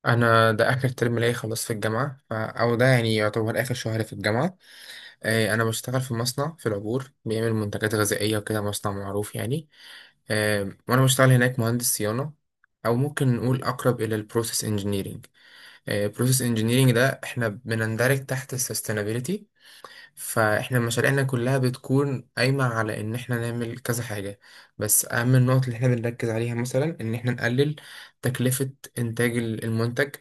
انا ده اخر ترم ليا خلاص في الجامعه او ده يعني يعتبر اخر شهر في الجامعه. انا بشتغل في مصنع في العبور بيعمل منتجات غذائيه وكده، مصنع معروف يعني. وانا بشتغل هناك مهندس صيانه، او ممكن نقول اقرب الى البروسيس انجينيرينج. البروسيس انجينيرينج ده احنا بنندرج تحت السستينابيليتي، فاحنا مشاريعنا كلها بتكون قايمه على ان احنا نعمل كذا حاجه. بس اهم النقط اللي احنا بنركز عليها مثلا ان احنا نقلل تكلفه انتاج المنتج،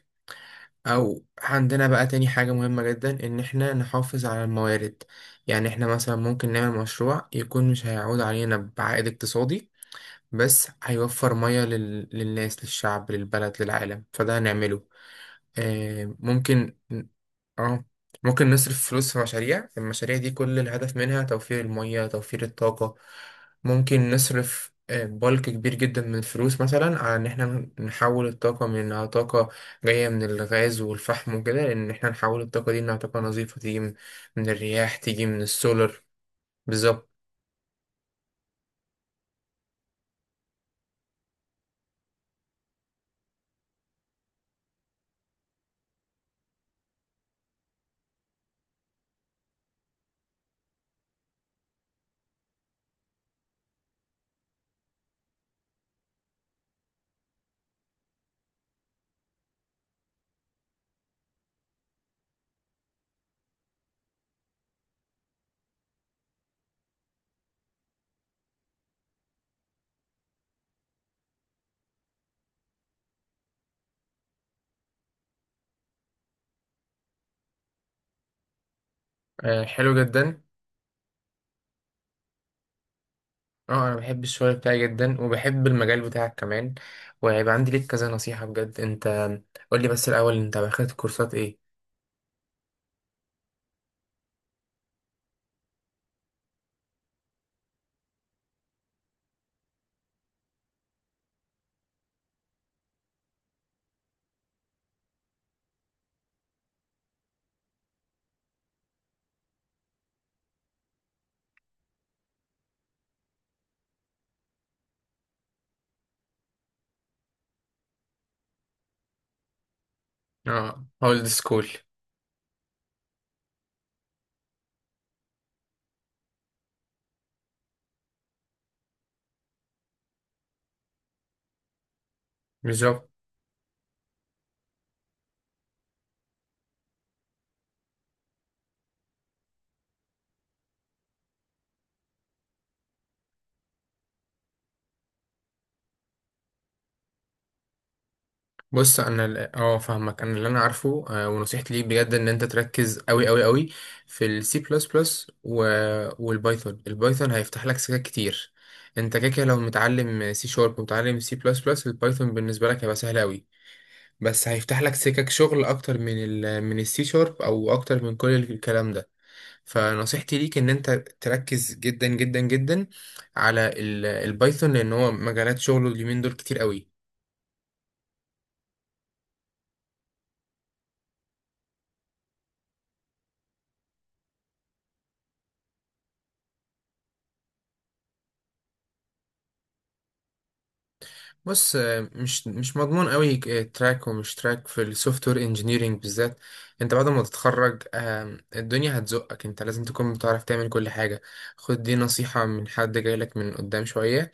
او عندنا بقى تاني حاجة مهمة جدا ان احنا نحافظ على الموارد. يعني احنا مثلا ممكن نعمل مشروع يكون مش هيعود علينا بعائد اقتصادي، بس هيوفر مية للناس، للشعب، للبلد، للعالم، فده هنعمله. آه ممكن. اه، ممكن نصرف فلوس في المشاريع دي، كل الهدف منها توفير المية، توفير الطاقة. ممكن نصرف بلك كبير جدا من الفلوس مثلا على ان احنا نحول الطاقة من انها طاقة جاية من الغاز والفحم وكده، ان احنا نحول الطاقة دي انها طاقة نظيفة تيجي من الرياح، تيجي من السولر. بالظبط. حلو جدا. اه، انا بحب الشغل بتاعي جدا، وبحب المجال بتاعك كمان، وهيبقى عندي ليك كذا نصيحة بجد. انت قولي بس الاول، انت اخدت كورسات ايه؟ اه، اولد سكول. بالظبط. بص انا فاهمك، انا اللي انا عارفه. ونصيحتي ليك بجد ان انت تركز قوي قوي قوي في السي بلس بلس والبايثون. البايثون هيفتح لك سكات كتير. انت كده كده، لو متعلم سي شارب ومتعلم سي بلس بلس، البايثون بالنسبه لك هيبقى سهل قوي، بس هيفتح لك سكك شغل اكتر من السي شارب، او اكتر من كل الكلام ده. فنصيحتي ليك ان انت تركز جدا جدا جدا على البايثون، لان هو مجالات شغله اليومين دول كتير قوي. بص مش مضمون قوي تراك ومش تراك في السوفت وير انجينيرنج بالذات. انت بعد ما تتخرج الدنيا هتزقك، انت لازم تكون بتعرف تعمل كل حاجه. خد دي نصيحه من حد جايلك من قدام شويه.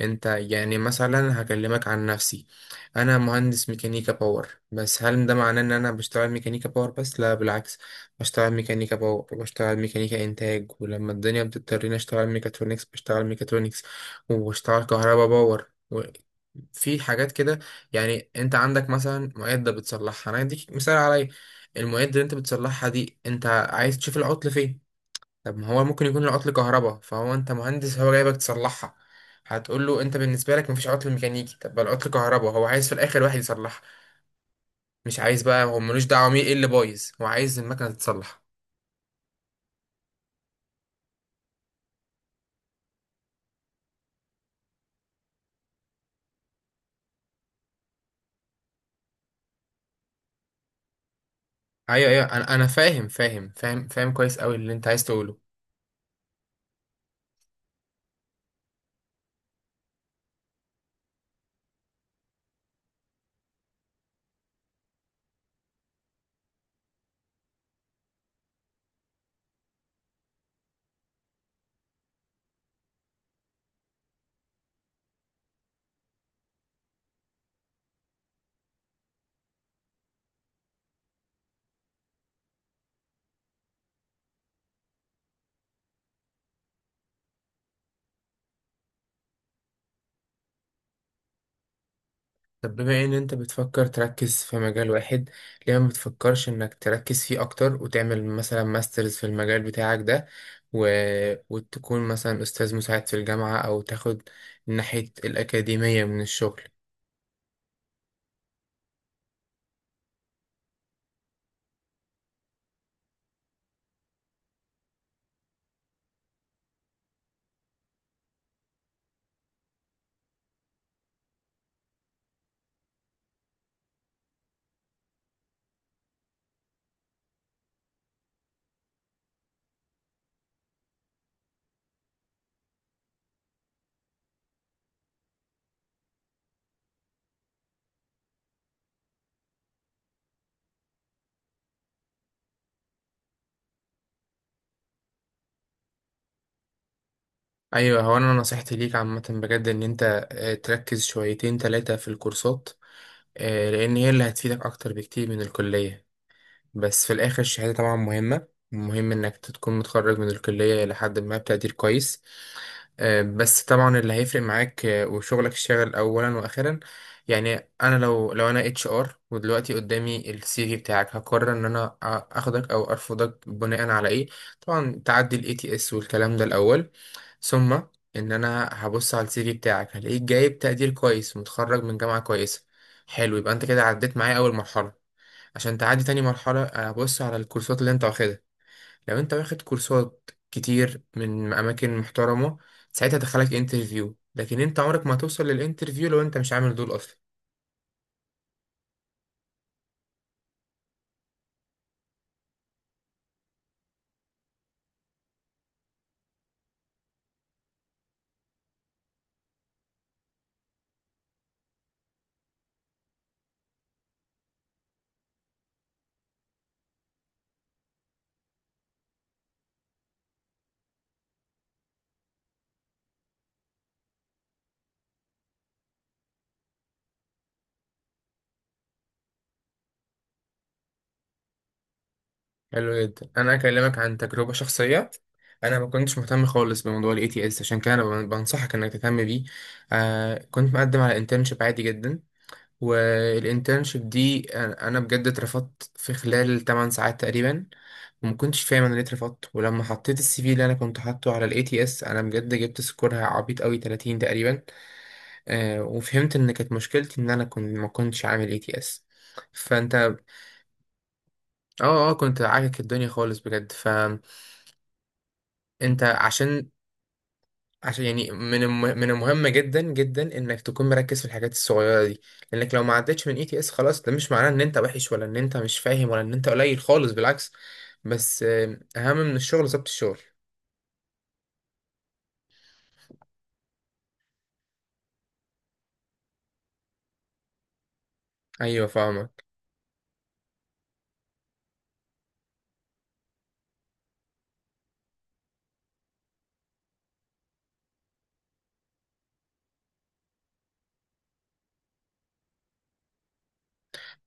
انت يعني مثلا، هكلمك عن نفسي، انا مهندس ميكانيكا باور، بس هل ده معناه ان انا بشتغل ميكانيكا باور بس؟ لا بالعكس، بشتغل ميكانيكا باور وبشتغل ميكانيكا انتاج، ولما الدنيا بتضطرني اشتغل ميكاترونكس بشتغل ميكاترونكس، وبشتغل كهربا باور. في حاجات كده. يعني انت عندك مثلا معدة بتصلحها، انا اديك مثال عليا. المعدة اللي انت بتصلحها دي، انت عايز تشوف العطل فين. طب ما هو ممكن يكون العطل كهرباء، فهو انت مهندس، هو جايبك تصلحها. هتقول له انت بالنسبه لك مفيش عطل ميكانيكي؟ طب ما العطل كهرباء، هو عايز في الاخر واحد يصلحها. مش عايز بقى، هو ملوش دعوه مين ايه اللي بايظ، هو عايز المكنه تتصلح. ايوه ايوه، انا فاهم فاهم فاهم فاهم كويس قوي اللي انت عايز تقوله. طب بما ان انت بتفكر تركز في مجال واحد، ليه ما بتفكرش انك تركز فيه اكتر، وتعمل مثلا ماسترز في المجال بتاعك ده، و... وتكون مثلا استاذ مساعد في الجامعة، او تاخد ناحية الاكاديمية من الشغل؟ ايوه، هو انا نصيحتي ليك عامة بجد ان انت تركز شويتين تلاتة في الكورسات، لان هي اللي هتفيدك اكتر بكتير من الكلية. بس في الاخر الشهادة طبعا مهمة، مهم انك تكون متخرج من الكلية لحد ما بتقدير كويس. بس طبعا اللي هيفرق معاك وشغلك الشاغل اولا واخيرا. يعني انا لو انا اتش ار ودلوقتي قدامي السي في بتاعك، هقرر ان انا اخدك او ارفضك بناء على ايه؟ طبعا تعدي الاي تي اس والكلام ده الاول، ثم ان انا هبص على السي في بتاعك، هلاقيك جايب تقدير كويس، متخرج من جامعة كويسة. حلو، يبقى انت كده عديت معايا اول مرحلة. عشان تعدي تاني مرحلة، هبص على الكورسات اللي انت واخدها. لو انت واخد كورسات كتير من اماكن محترمه، ساعتها دخلك انترفيو. لكن انت عمرك ما هتوصل للانترفيو لو انت مش عامل دول اصلا. حلو جدا، انا اكلمك عن تجربه شخصيه. انا ما كنتش مهتم خالص بموضوع الاي تي اس، عشان كده انا بنصحك انك تهتم بيه. كنت مقدم على انترنشيب عادي جدا، والانترنشيب دي انا بجد اترفضت في خلال 8 ساعات تقريبا، وما كنتش فاهم انا ليه اترفضت. ولما حطيت السي في اللي انا كنت حاطه على الاي تي اس، انا بجد جبت سكورها عبيط قوي، 30 تقريبا. وفهمت ان كانت مشكلتي ان انا كنت ما كنتش عامل اي تي اس. فانت، اه اه، كنت عاكك الدنيا خالص بجد. فانت عشان عشان يعني من من المهم جدا جدا انك تكون مركز في الحاجات الصغيره دي. لانك لو ما عدتش من اي تي اس خلاص، ده مش معناه ان انت وحش، ولا ان انت مش فاهم، ولا ان انت قليل خالص، بالعكس. بس اهم من الشغل ظبط الشغل. ايوه، فاهمك.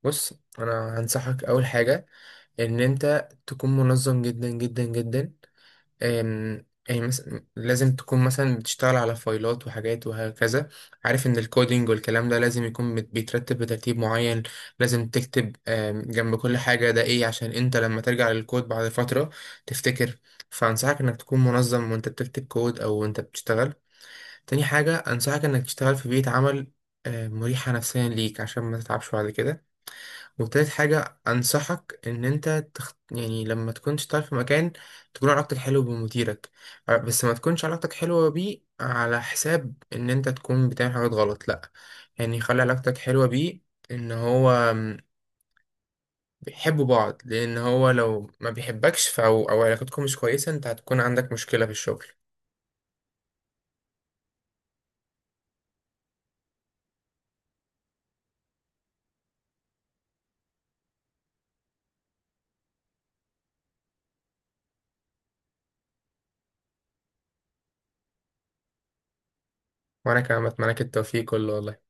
بص انا هنصحك اول حاجه، ان انت تكون منظم جدا جدا جدا. أم- يعني مثلا لازم تكون مثلا بتشتغل على فايلات وحاجات وهكذا، عارف ان الكودينج والكلام ده لازم يكون بيترتب بترتيب معين. لازم تكتب جنب كل حاجة ده ايه، عشان انت لما ترجع للكود بعد فترة تفتكر. فانصحك انك تكون منظم وانت بتكتب كود، او وانت بتشتغل. تاني حاجة انصحك انك تشتغل في بيئة عمل مريحة نفسيا ليك عشان ما تتعبش بعد كده. وتالت حاجة أنصحك إن أنت يعني لما تكون تشتغل في مكان، تكون علاقتك حلوة بمديرك. بس ما تكونش علاقتك حلوة بيه على حساب إن أنت تكون بتعمل حاجات غلط، لأ. يعني خلي علاقتك حلوة بيه. إن هو بيحبوا بعض، لأن هو لو ما بيحبكش أو علاقتكم مش كويسة، أنت هتكون عندك مشكلة في الشغل. وأنا كمان بتمنى لك التوفيق كله والله.